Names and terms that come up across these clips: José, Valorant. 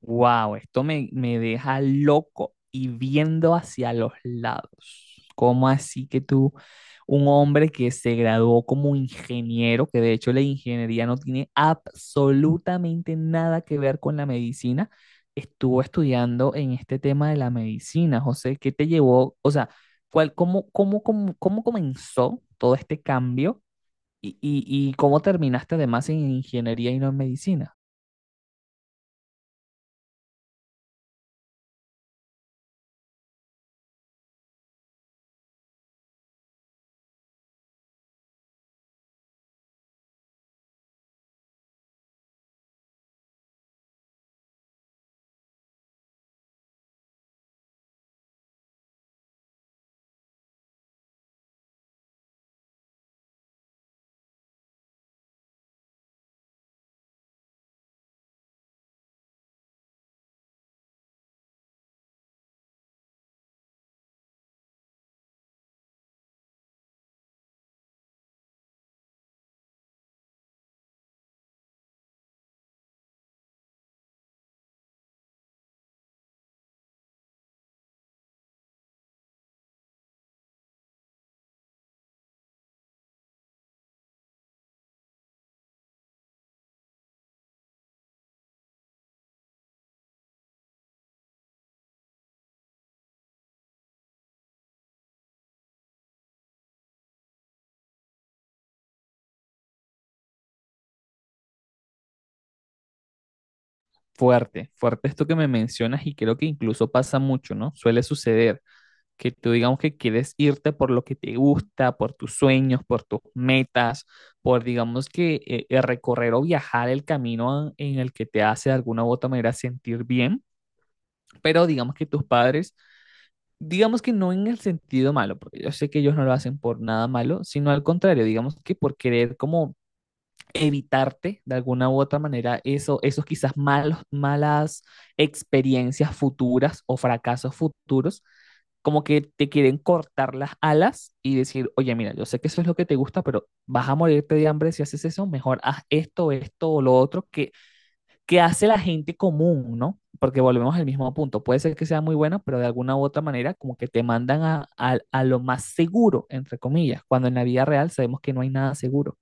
Wow, esto me deja loco y viendo hacia los lados. ¿Cómo así que tú, un hombre que se graduó como ingeniero, que de hecho la ingeniería no tiene absolutamente nada que ver con la medicina, estuvo estudiando en este tema de la medicina? José, ¿qué te llevó? O sea, ¿cuál, cómo, cómo, cómo, cómo comenzó todo este cambio y cómo terminaste además en ingeniería y no en medicina? Fuerte, fuerte esto que me mencionas y creo que incluso pasa mucho, ¿no? Suele suceder que tú digamos que quieres irte por lo que te gusta, por tus sueños, por tus metas, por digamos que recorrer o viajar el camino en el que te hace de alguna u otra manera sentir bien, pero digamos que tus padres, digamos que no en el sentido malo, porque yo sé que ellos no lo hacen por nada malo, sino al contrario, digamos que por querer como evitarte de alguna u otra manera eso, esos quizás malas experiencias futuras o fracasos futuros, como que te quieren cortar las alas y decir, oye, mira, yo sé que eso es lo que te gusta, pero vas a morirte de hambre si haces eso, mejor haz esto, esto o lo otro que hace la gente común, ¿no? Porque volvemos al mismo punto, puede ser que sea muy bueno, pero de alguna u otra manera como que te mandan a, a lo más seguro, entre comillas, cuando en la vida real sabemos que no hay nada seguro.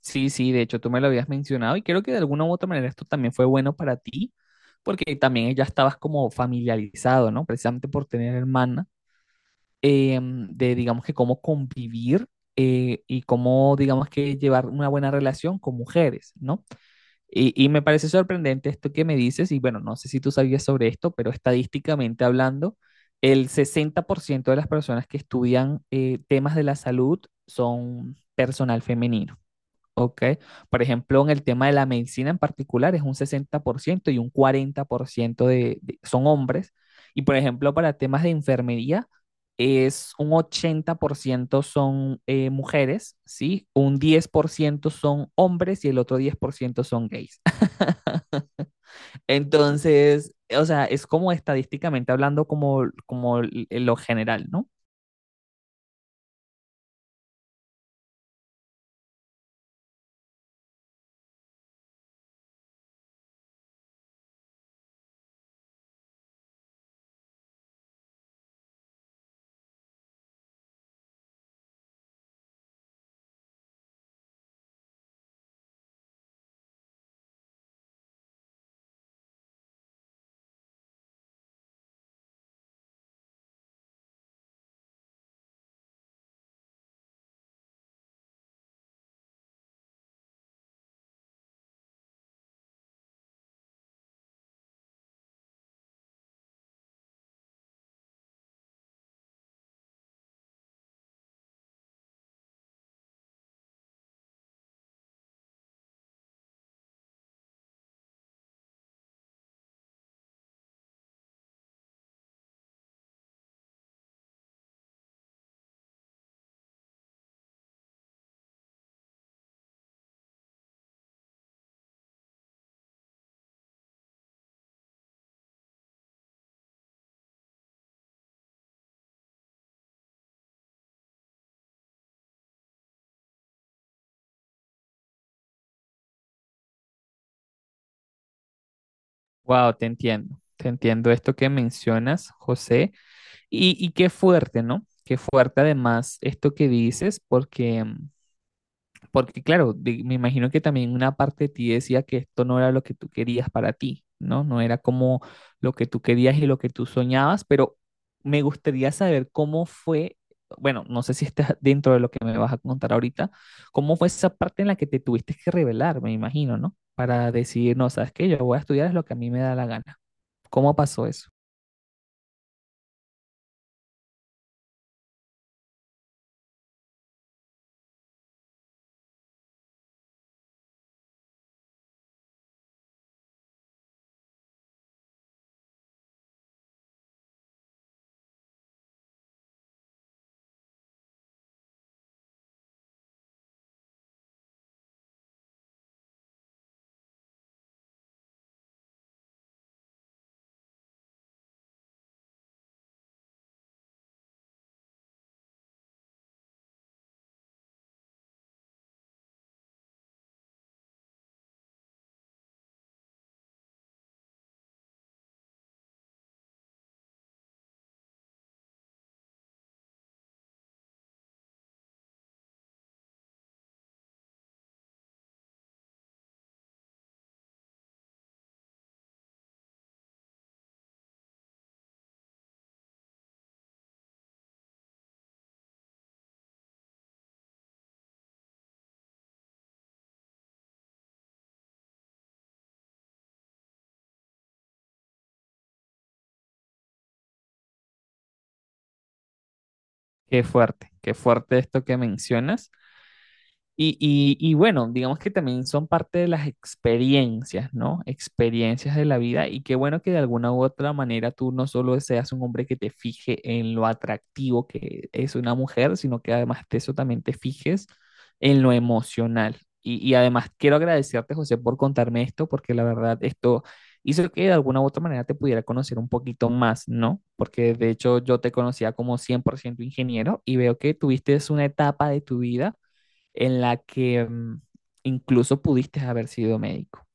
Sí, sí, de hecho tú me lo habías mencionado y creo que de alguna u otra manera esto también fue bueno para ti, porque también ya estabas como familiarizado, ¿no? Precisamente por tener hermana, eh, de digamos que cómo convivir y cómo digamos que llevar una buena relación con mujeres, ¿no? Y me parece sorprendente esto que me dices y bueno, no sé si tú sabías sobre esto, pero estadísticamente hablando, el 60% de las personas que estudian temas de la salud son personal femenino. Ok. Por ejemplo, en el tema de la medicina en particular es un 60% y un 40% de, son hombres. Y por ejemplo, para temas de enfermería es un 80% son mujeres, ¿sí? Un 10% son hombres y el otro 10% son gays. Entonces, o sea, es como estadísticamente hablando como, como lo general, ¿no? Wow, te entiendo. Te entiendo esto que mencionas, José. Y qué fuerte, ¿no? Qué fuerte además esto que dices, porque, porque claro, me imagino que también una parte de ti decía que esto no era lo que tú querías para ti, ¿no? No era como lo que tú querías y lo que tú soñabas, pero me gustaría saber cómo fue, bueno, no sé si está dentro de lo que me vas a contar ahorita, cómo fue esa parte en la que te tuviste que revelar, me imagino, ¿no? Para decidir, no, ¿sabes qué? Yo voy a estudiar es lo que a mí me da la gana. ¿Cómo pasó eso? Qué fuerte esto que mencionas. Y bueno, digamos que también son parte de las experiencias, ¿no? Experiencias de la vida y qué bueno que de alguna u otra manera tú no solo seas un hombre que te fije en lo atractivo que es una mujer, sino que además de eso también te fijes en lo emocional. Y además quiero agradecerte, José, por contarme esto, porque la verdad esto hizo que de alguna u otra manera te pudiera conocer un poquito más, ¿no? Porque de hecho yo te conocía como 100% ingeniero y veo que tuviste una etapa de tu vida en la que incluso pudiste haber sido médico.